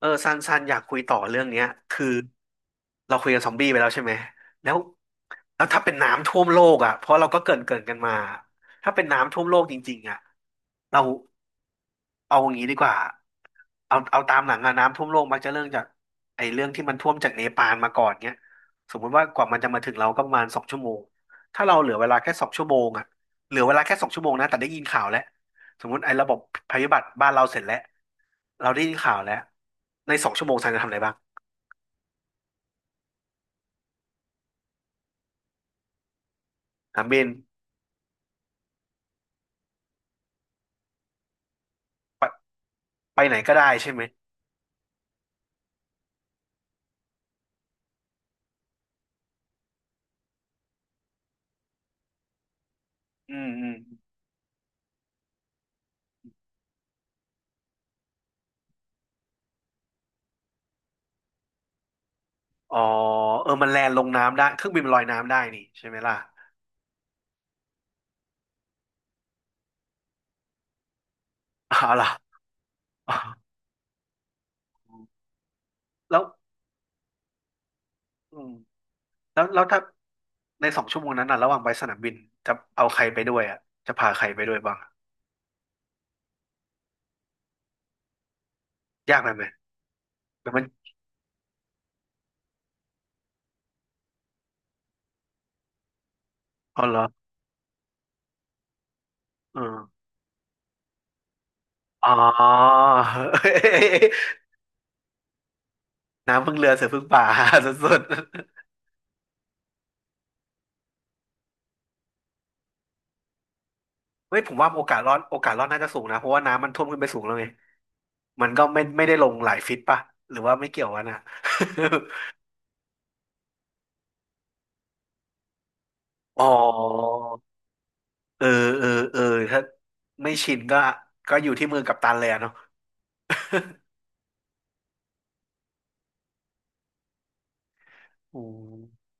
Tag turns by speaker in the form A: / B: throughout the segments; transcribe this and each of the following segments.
A: เออซันอยากคุยต่อเรื่องเนี้ยคือเราคุยกันซอมบี้ไปแล้วใช่ไหมแล้วแล้วถ้าเป็นน้ำท่วมโลกอ่ะเพราะเราก็เกรินกันมาถ้าเป็นน้ำท่วมโลกจริงๆอ่ะเราเอาอย่างนี้ดีกว่าเอาตามหลังอะน้ำท่วมโลกมักจะเรื่องจากไอ้เรื่องที่มันท่วมจากเนปาลมาก่อนเนี้ยสมมุติว่ากว่ามันจะมาถึงเราก็ประมาณ 2 ชั่วโมงถ้าเราเหลือเวลาแค่สองชั่วโมงอ่ะเหลือเวลาแค่สองชั่วโมงนะแต่ได้ยินข่าวแล้ว สมมติไอ้ระบบภัยพิบัติบ้านเราเสร็จแล้วเราได้ยินข่าวแล้วในสองชั่วโมงซันจะทำอะไรบ้างถามเบนไปไปไหนก็ได้ใช่ไหมอืมอืมอ๋อเออมันแลนด์ลงน้ำได้เครื่องบินมันลอยน้ำได้นี่ใช่ไหมล่ะเอาล่ะอ๋อแล้วอืมแล้วถ้าในสองชั่วโมงนั้นน่ะระหว่างไปสนามบินจะเอาใครไปด้วยอ่ะจะพาใครไปด้วยบ้างอะยากไหมแต่มันอ๋อเหรอเอออ๋อ น้ำพึ่งเรือเสือพึ่งป่า สุด เฮ้ยผมว่าโอกาสรอดโอกาสรอดน่าจะสูงนะเพราะว่าน้ำมันท่วมขึ้นไปสูงแล้วไงมันก็ไม่ได้ลงหลายฟิตป่ะหรือว่าไม่เกี่ยวกันนะ อ๋อเออเออเออถ้าไม่ชินก็ก็อยู่ที่มือกัปตันเลยอะเนาะอืม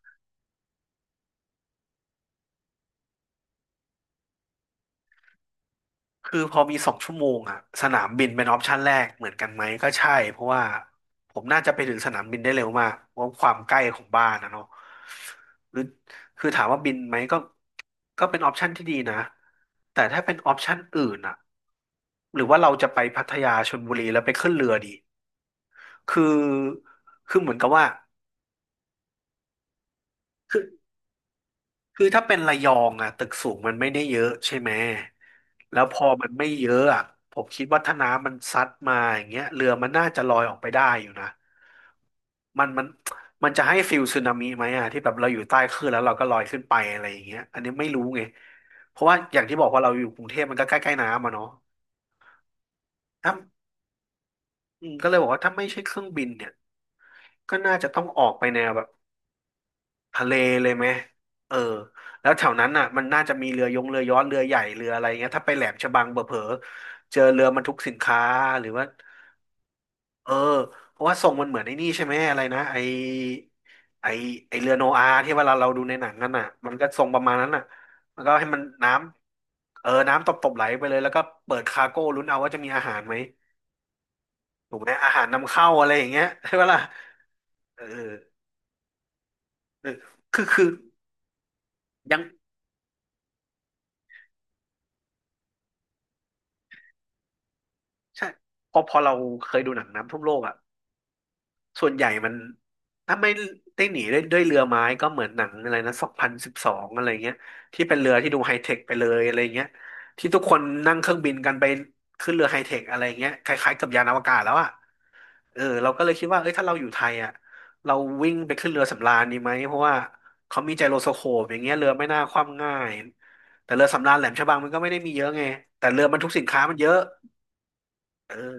A: คือพอมีสองชั่วโมงอะสนามบินเป็นออปชั่นแรกเหมือนกันไหมก็ใช่เพราะว่าผมน่าจะไปถึงสนามบินได้เร็วมากเพราะความใกล้ของบ้านนะเนาะหรือคือถามว่าบินไหมก็ก็เป็นออปชั่นที่ดีนะแต่ถ้าเป็นออปชั่นอื่นอะ หรือว่าเราจะไปพัทยาชลบุรีแล้วไปขึ้นเรือดีคือคือเหมือนกับว่าคือคือถ้าเป็นระยองอะตึกสูงมันไม่ได้เยอะใช่ไหมแล้วพอมันไม่เยอะอะผมคิดว่าถ้าน้ำมันซัดมาอย่างเงี้ยเรือมันน่าจะลอยออกไปได้อยู่นะมันมันมันจะให้ฟิลสึนามิไหมอะที่แบบเราอยู่ใต้คลื่นแล้วเราก็ลอยขึ้นไปอะไรอย่างเงี้ยอันนี้ไม่รู้ไงเพราะว่าอย่างที่บอกว่าเราอยู่กรุงเทพมันก็ใกล้ๆน้ำอะเนาะถ้าอืมก็เลยบอกว่าถ้าไม่ใช่เครื่องบินเนี่ยก็น่าจะต้องออกไปแนวแบบ ทะเลเลยไหมเออแล้วแถวนั้นน่ะมันน่าจะมีเรือยงเรือยอนเรือใหญ่เรืออะไรเงี้ยถ้าไปแหลมฉบังเบเผลอๆเจอเรือบรรทุกสินค้าหรือว่าเออเพราะว่าทรงมันเหมือนไอ้นี่ใช่ไหมอะไรนะไอไอเรือโนอาห์ที่เวลาเราดูในหนังนันน่ะมันก็ทรงประมาณนั้นน่ะแล้วก็ให้มันน้ำเออน้ำตบๆไหลไปเลยแล้วก็เปิดคาร์โก้ลุ้นเอาว่าจะมีอาหารไหมถูกไหมอาหารนำเข้าอะไรอย่างเงี้ยใช่ปะล่ะเออเออคือยัง ใช่เพราะพอเราเคยดูหนังน้ำท่วมโลกอ่ะส่วนใหญ่มันถ้าไม่ได้หนีด้วยเรือไม้ก็เหมือนหนังอะไรนะ2012อะไรเงี้ยที่เป็นเรือที่ดูไฮเทคไปเลยอะไรเงี้ยที่ทุกคนนั่งเครื่องบินกันไปขึ้นเรือไฮเทคอะไรเงี้ยคล้ายๆกับยานอวกาศแล้วอ่ะเออเราก็เลยคิดว่าเอ้ยถ้าเราอยู่ไทยอ่ะเราวิ่งไปขึ้นเรือสำราญดีไหมเพราะว่าเขามีไจโรสโคปอย่างเงี้ยเรือไม่น่าคว่ำง่ายแต่เรือสำราญแหลมฉบังมันก็ไม่ได้มีเยอะไงแต่เรือมันทุกสินค้ามันเยอะเออ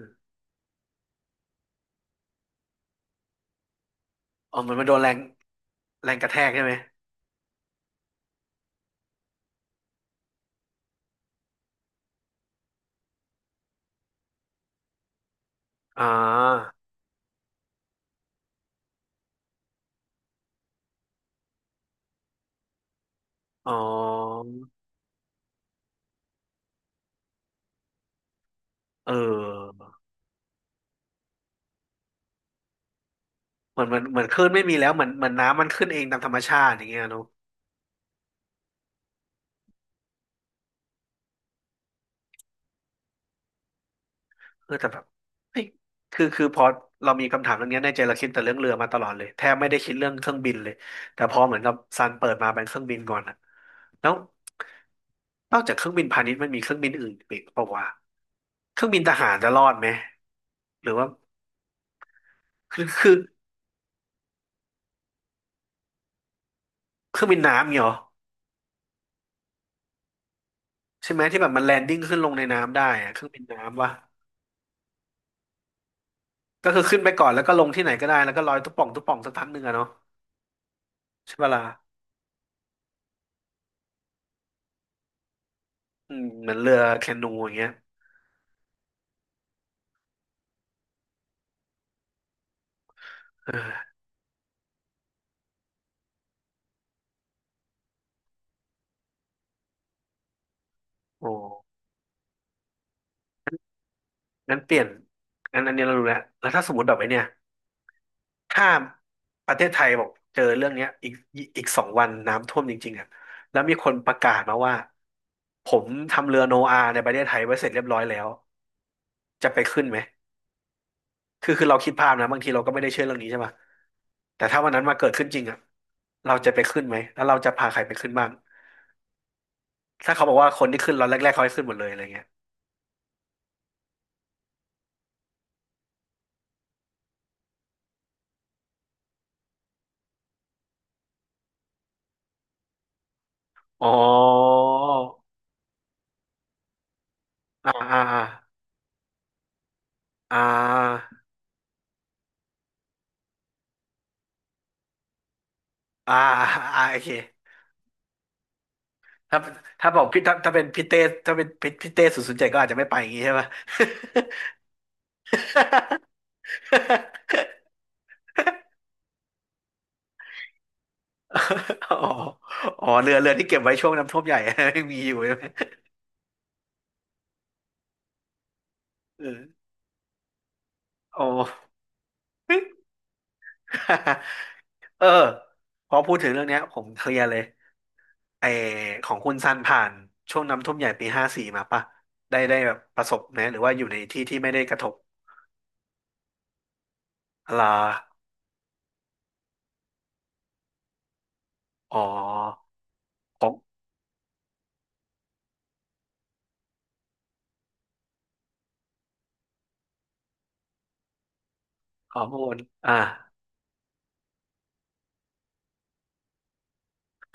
A: อ๋อเหมือนมันโดนแรง แรงกระแทกใช่ไหมอ่าอ๋อเออเหมือนคลื่นไม่มีแล้วเหมือนน้ำมันขึ้นเองตามธรรมชาติอย่างเงี้ยเนอะเออแต่แบบเฮ้ยคือพอเรามีคำถามเรื่องเนี้ยในใจเราคิดแต่เรื่องเรือมาตลอดเลยแทบไม่ได้คิดเรื่องเครื่องบินเลยแต่พอเหมือนกับซันเปิดมาเป็นเครื่องบินก่อนอะแล้วนอกจากเครื่องบินพาณิชย์มันมีเครื่องบินอื่นอีกเปล่าวะเครื่องบินทหารจะรอดไหม หรือว่าคือเครื่องบินน้ำเนียเหรอ ใช่ไหมที่แบบมันแลนดิ้งขึ้นลงในน้ำได้อะเครื่องบินน้ำวะก็คือขึ้นไปก่อนแล้วก็ลงที่ไหนก็ได้แล้วก็ลอยตุ๊ป่องตุ๊ป่องสักพักหนึ่งอะเนาะใช่ปะล่ะอืมเหมือนเรือแคนูอย่างเงี้ยเออโอ้งั้นเปลี่ยนงั้นอันนี้เรารู้แล้วแล้วถ้าสมมติแบบไอ้เนี่ยถ้าประเทศไทยบอกเจอเรื่องเนี้ยอีกอีก2 วันน้ำท่วมจริงๆอะแล้วมีคนประกาศมาว่าผมทำเรือโนอาในประเทศไทยไว้เสร็จเรียบร้อยแล้วจะไปขึ้นไหม คือเราคิดภาพนะบางทีเราก็ไม่ได้เชื่อเรื่องนี้ใช่ไหมแต่ถ้าวันนั้นมาเกิดขึ้นจริงอ่ะเราจะไปขึ้นไหมแล้วเราจะพาใครไปขึ้นบ้างถ้าเขาบอกว่าคนที่ขึ้นเราแรกๆเขาให้ขึ้นหมดเลยอะไรเงี้ยอ๋ออ่าอ่าอ่าอ่าอ่าโอเคถ้าถ้าบอกพี่ถ้าเป็นพี่เต้ถ้าเป็นพี่เต้007ก็อาจจะไม่ไปอย่างงี้ใช่ไหม อ๋ออ๋อเรือที่เก็บไว้ช่วงน้ำท่วมใหญ่ ยังมีอยู่ใช่ไหมเอออ๋อ เออพอพูดถึงเรื่องเนี้ยผมเคลียร์เลยไอของคุณซันผ่านช่วงน้ำท่วมใหญ่ปี54มาป่ะได้ได้แบบประสบไหมหรือว่าอยู่ในที่ที่ไม่ได้กระทบลาอ๋อของข้อมูลอ่า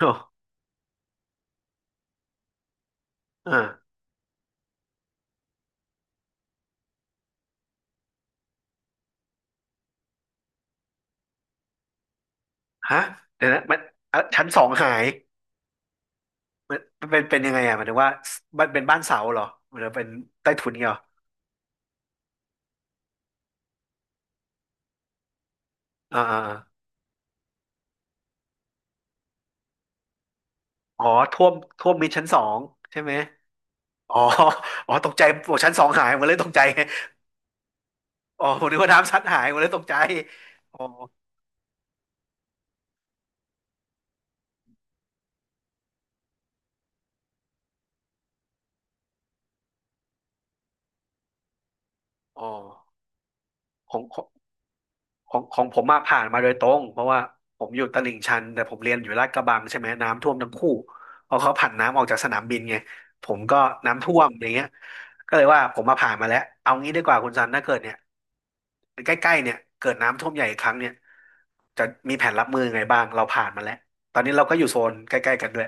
A: โอ้อ่าฮะเดี๋ยวนะมันอ่ะชั้นสองหายมันมันเป็นยังไงอ่ะหมายถึงว่ามันเป็นบ้านเสาเหรอหรือเป็นใต้ถุนเงี้ยเหรออ่าอ่าอาอ๋อท่วมมิดชั้นสองใช่ไหมอ๋ออ๋อตกใจโอ้ชั้นสองหายหมดเลยตกใจ อ๋อผมนึกว่าน้ำซัดหายผมเลยตกใจอ๋ออ๋อของของของผมมาผ่านมาโดยตรงเพราะว่าผมอยู่ตลิ่งชันแต่ผมเรียนอยู่ลาดกระบังใช่ไหมน้ำท่วมทั้งคู่เพราะเขาผันน้ำออกจากสนามบินไงผมก็น้ำท่วมอย่างเงี้ยก็เลยว่าผมมาผ่านมาแล้วเอางี้ดีกว่าคุณซันถ้าเกิดเนี่ยใกล้ๆเนี่ยเกิดน้ำท่วมใหญ่อีกครั้งเนี่ยจะมีแผนรับมือไงบ้างเราผ่านมาแล้วตอนนี้เราก็อยู่โซนใกล้ๆกันด้วย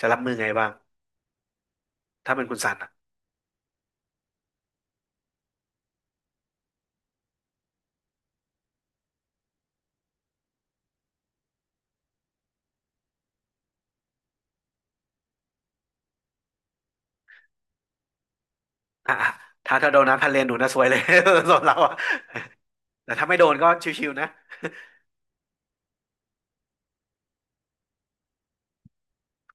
A: จะรับมือไงบ้างถ้าเป็นคุณซัน อ่ะอ่ะถ้าโดนน้ำทะเลนหนูนะซวยเลย ส่วนเราอะแต่ถ้าไม่โดนก็ชิวๆนะ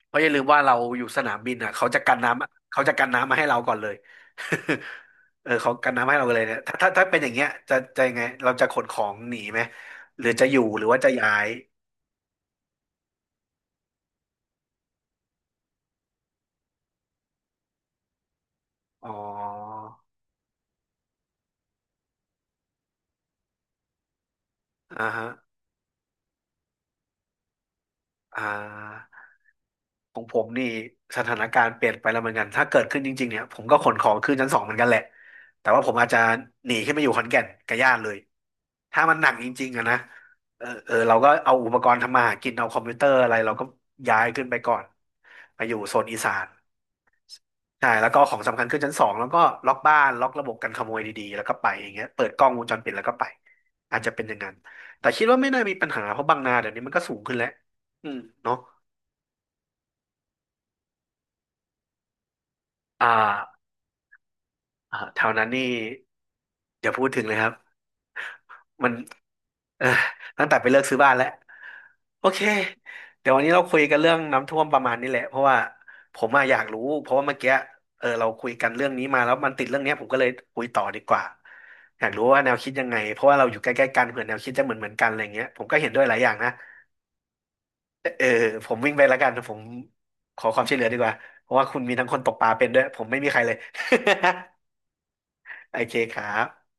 A: เพราะอย่าลืมว่าเราอยู่สนามบินอ่ะเขาจะกันน้ำเขาจะกันน้ำมาให้เราก่อนเลย เออเขากันน้ำให้เราเลยเนี่ยถ้าเป็นอย่างเงี้ยจะยังไงเราจะขนของหนีไหมหรือจะอยู่หรือว่าจะย้ายอ๋ออ่าฮะอ่า ของผมนี่สถานการณ์เปลี่ยนไปแล้วเหมือนกันถ้าเกิดขึ้นจริงๆเนี่ยผมก็ขนของขึ้นชั้นสองเหมือนกันแหละแต่ว่าผมอาจจะหนีขึ้นไปอยู่ขอนแก่นกับญาติเลยถ้ามันหนักจริงๆอะนะเออเออเราก็เอาอุปกรณ์ทำมาหากินเอาคอมพิวเตอร์อะไรเราก็ย้ายขึ้นไปก่อนไปอยู่โซนอีสานใช่แล้วก็ของสำคัญขึ้นชั้นสองแล้วก็ล็อกบ้านล็อกระบบกันขโมยดีๆแล้วก็ไปอย่างเงี้ยเปิดกล้องวงจรปิดแล้วก็ไปอาจจะเป็นอย่างนั้นแต่คิดว่าไม่น่ามีปัญหาเพราะบางนาเดี๋ยวนี้มันก็สูงขึ้นแล้วอืมเนาะอ่า อ่าแถวนั้นนี่อย่าพูดถึงเลยครับมันเออตั้งแต่ไปเลิกซื้อบ้านแล้วโอเคเดี๋ยววันนี้เราคุยกันเรื่องน้ำท่วมประมาณนี้แหละเพราะว่าผมอะอยากรู้เพราะว่าเมื่อกี้เออเราคุยกันเรื่องนี้มาแล้วมันติดเรื่องเนี้ยผมก็เลยคุยต่อดีกว่าอยากรู้ว่าแนวคิดยังไงเพราะว่าเราอยู่ใกล้ๆกันเผื่อแนวคิดจะเหมือนกันอะไรเงี้ยผมก็เห็นด้วยหลายอย่างนะเออผมวิ่งไปแล้วกันผมขอความช่วยเหลือดีกว่าเพราะว่าคุณมีทั้งคนตกปลาเป็นด้วยผมไม่มีใครเลย โอเคครับ